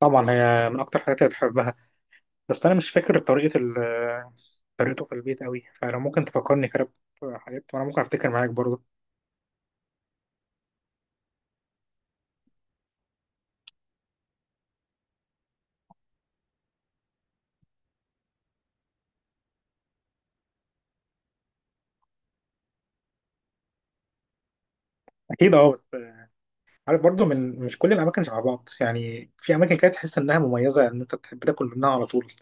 طبعا هي من اكتر الحاجات اللي بحبها. بس انا مش فاكر طريقه طريقته في البيت قوي، فلو ممكن تفكرني كده بحاجات وانا ممكن افتكر معاك برضه. اكيد اه، بس عارف برضه، من مش كل الاماكن شبه بعض يعني، في اماكن كده تحس انها مميزه، ان انت تحب تاكل منها على طول.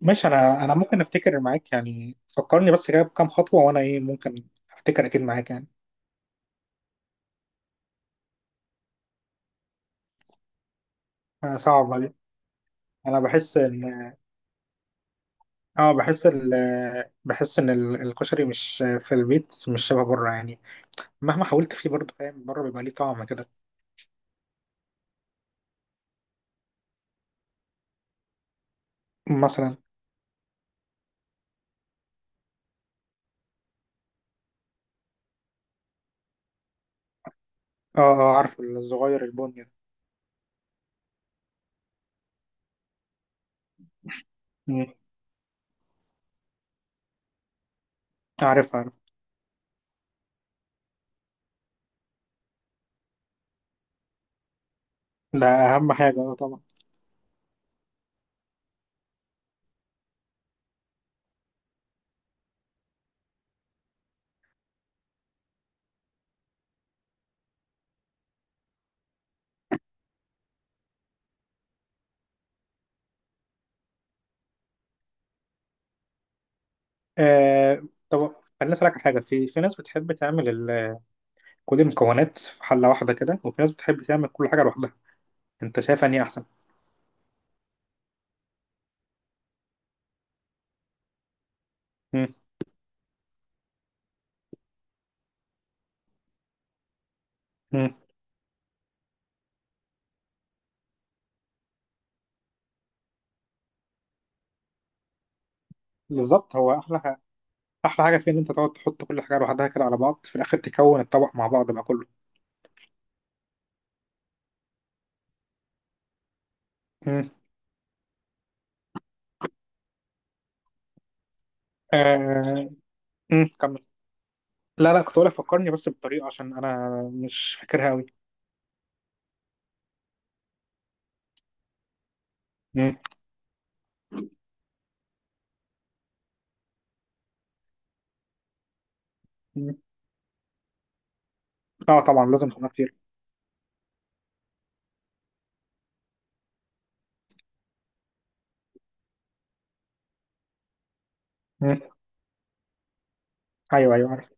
ماشي، انا ممكن افتكر معاك يعني، فكرني بس كده بكام خطوه وانا ايه ممكن افتكر اكيد معاك يعني. آه، صعب عليك. انا بحس ان اه، بحس بحس ان الكشري مش في البيت مش شبه بره يعني. مهما حاولت فيه برضه فاهم، بره بيبقى ليه طعم كده. مثلا. اه اه، عارف، الصغير البني ده. مم. عارف عارف. ده اهم حاجه، اه طبعا. آه، طب خليني اسالك على حاجه، في في ناس بتحب تعمل كل المكونات في حله واحده كده، وفي ناس بتحب تعمل كل حاجه لوحدها. انت شايف اني احسن؟ مم. مم. بالظبط، هو احلى حاجه، احلى حاجه فيه ان انت تقعد تحط كل حاجه لوحدها كده على بعض، في الاخر تكون الطبق مع بعض بقى كله. مم. آه... مم. كمل. لا لا، كنت بقول لك فكرني بس بالطريقه، عشان انا مش فاكرها قوي. اه طبعا، لازم خدمات كتير. مم. ايوه ايوه عارف.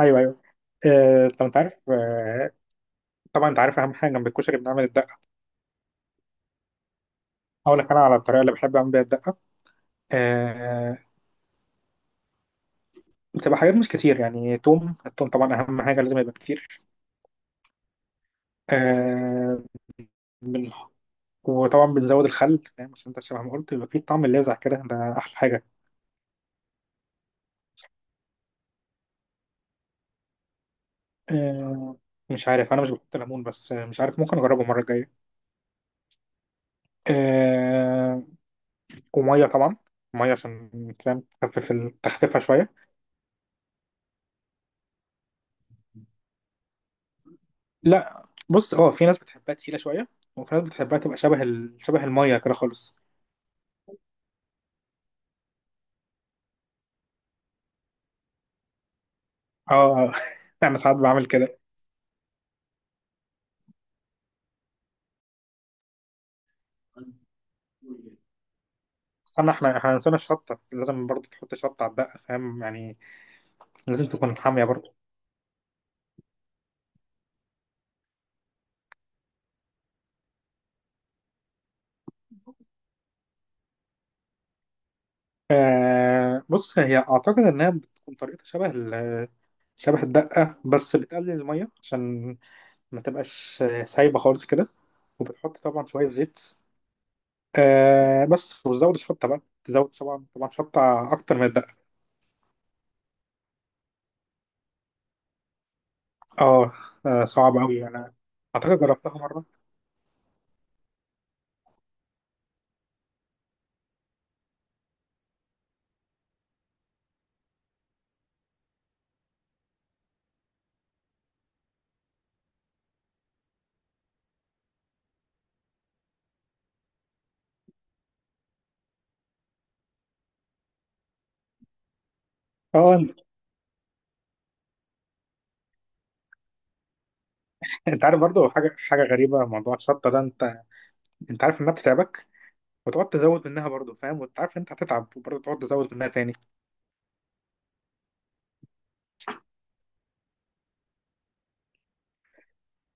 ايوه ايوه. آه، طب انت عارف، آه، طبعا انت عارف اهم حاجه جنب الكشري بنعمل الدقه. اقول لك انا على الطريقه اللي بحب اعمل بيها الدقه. آه، بتبقى حاجات مش كتير يعني، توم، التوم طبعا اهم حاجه، لازم يبقى كتير. آه، بن- وطبعا بنزود الخل فاهم، عشان انت شبه ما قلت يبقى فيه طعم اللاذع كده، ده احلى حاجه. آه، مش عارف، انا مش بحط ليمون، بس آه، مش عارف، ممكن اجربه المره الجايه. آه، وميه طبعا. ميه عشان فاهم تخفف تخففها شويه. لا بص، اه في ناس بتحبها تقيله شويه، وفي ناس بتحبها تبقى شبه ال... شبه الميه كده خالص. اه انا ساعات بعمل كده. استنى، احنا نسينا الشطه، لازم برضه تحط شطه على الدقه فاهم يعني. لازم تكون حاميه برضه. آه بص، هي اعتقد انها بتكون طريقتها شبه ال... شبه الدقه، بس بتقلل الميه عشان ما تبقاش سايبه خالص كده. وبتحط طبعا شويه زيت. آه بس، وتزود الشطه بقى، تزود طبعا طبعا شطه اكتر من الدقه. اه. آه، صعب قوي، انا اعتقد جربتها مره. اه انت، أنت عارف برضو حاجه، حاجه غريبه موضوع الشطه ده، انت انت عارف انها بتتعبك وتقعد تزود منها برضو فاهم، وانت عارف إن انت هتتعب وبرضو تقعد تزود منها تاني.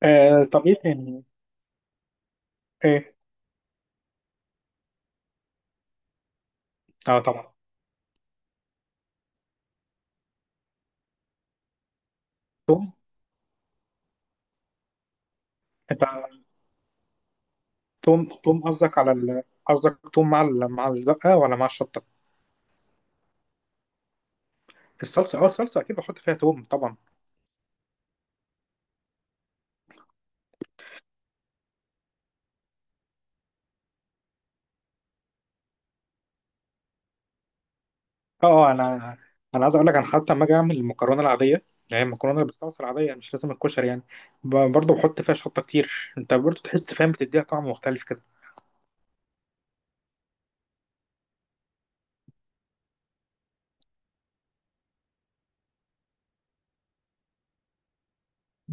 آه طب ايه تاني؟ ايه اه طبعا. توم. انت توم، توم قصدك على ال... قصدك توم مع ال... مع الدقه ولا مع الشطه؟ الصلصه، اه الصلصه اكيد بحط فيها توم طبعا. اه انا، انا عايز اقول لك، انا حتى لما اجي اعمل المكرونه العاديه اللي هي المكرونه اللي بالصلصه العاديه، مش لازم الكشري يعني، برضه بحط فيها شطه كتير، انت برضه تحس فاهم، بتديها طعم مختلف كده.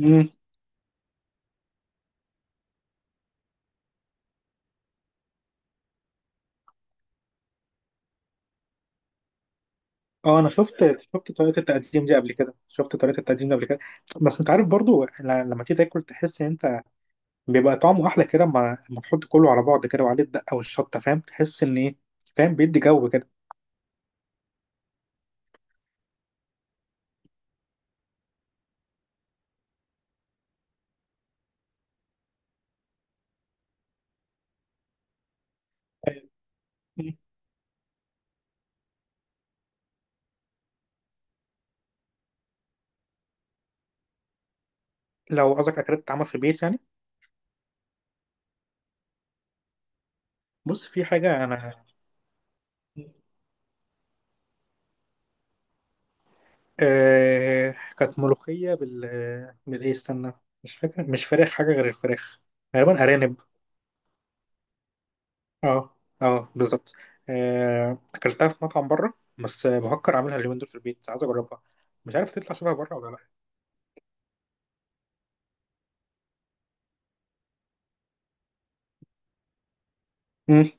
امم. اه انا شفت شفت طريقه التقديم دي قبل كده، شفت طريقه التقديم دي قبل كده، بس انت عارف برضه، لما تيجي تاكل تحس ان انت بيبقى طعمه احلى كده، اما اما تحط كله على بعض كده وعليه الدقه والشطه فاهم، تحس ان ايه، فاهم، بيدي جو كده. مم. لو قصدك اكلات بتتعمل في البيت يعني، بص في حاجه انا، آه كانت ملوخية بالإيه استنى، مش فاكر، مش فراخ، حاجة غير الفراخ، غالبا أرانب. اه، اه بالظبط. آه، أكلتها في مطعم بره، بس بفكر أعملها اليومين دول في البيت، عايز أجربها. مش عارف تطلع شبه بره ولا لأ. مم.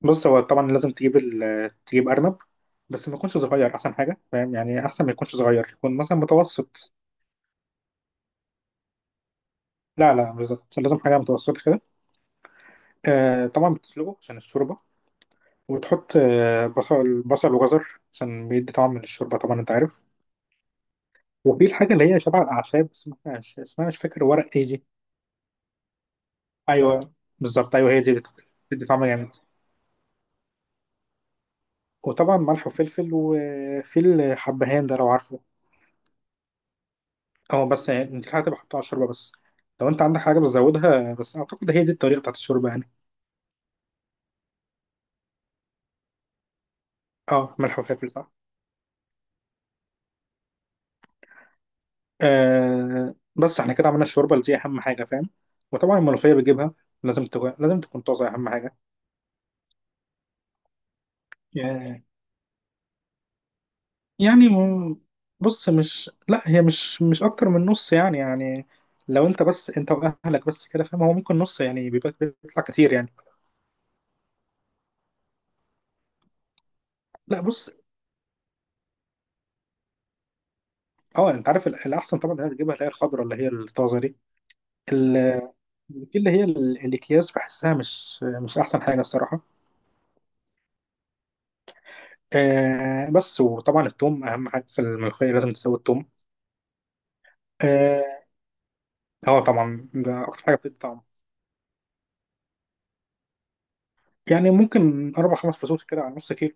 بص، هو طبعا لازم تجيب ال... تجيب أرنب، بس ما يكونش صغير، أحسن حاجة فاهم يعني، أحسن ما يكونش صغير، يكون مثلا متوسط. لا بالظبط، لازم حاجة متوسطة كده. آه طبعا بتسلقه عشان الشوربة. وتحط آه، بصل وجزر، عشان بيدي طعم للشوربة طبعا، انت عارف. وفي الحاجة اللي هي شبه الأعشاب، بس ما فيهاش اسمها، مش فاكر، ورق ايه دي؟ أيوه بالظبط، أيوه هي دي بتدي طعم جامد. وطبعا ملح وفلفل، وفي الحبهان ده لو عارفه. اه بس، يعني انت حاجة بحطها على الشوربة بس، لو انت عندك حاجة بتزودها، بس أعتقد هي دي الطريقة بتاعت الشوربة يعني. اه ملح وفلفل صح. آه بس احنا كده عملنا الشوربة اللي دي أهم حاجة فاهم. وطبعا الملوخية بتجيبها، لازم تكون، لازم تكون طازة أهم حاجة يعني. بص مش، لا هي مش، مش اكتر من نص يعني يعني، لو انت بس انت واهلك بس كده فاهم، هو ممكن نص يعني، بيبقى بيطلع كتير يعني. لا بص اه، انت عارف الاحسن طبعا انك تجيبها اللي هي الخضراء، اللي هي الطازه دي. ال- اللي هي الاكياس بحسها مش، مش احسن حاجه الصراحه. آه بس، وطبعا التوم اهم حاجه في الملوخيه، لازم تسوي التوم. اه. آه، طبعا ده اكتر حاجه بتدي طعم. يعني ممكن 4 5 فصوص كده على نص كيلو.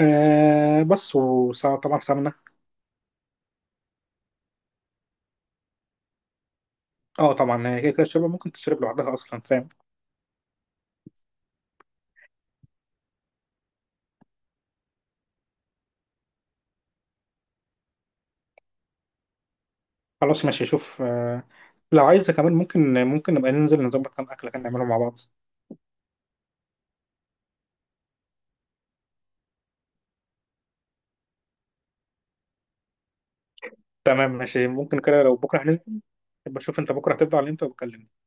آه بس، وطبعا سمنه. اه طبعا، هي كده كده الشوربه ممكن تشرب لوحدها اصلا فاهم. خلاص ماشي، شوف آه، لو عايزه كمان ممكن، ممكن نبقى ننزل نظبط كام اكله كده، نعملهم مع بعض. تمام ماشي، ممكن كده، لو بكره هننزل، يبقى شوف انت بكره هتفضى على امتى وبكلمني.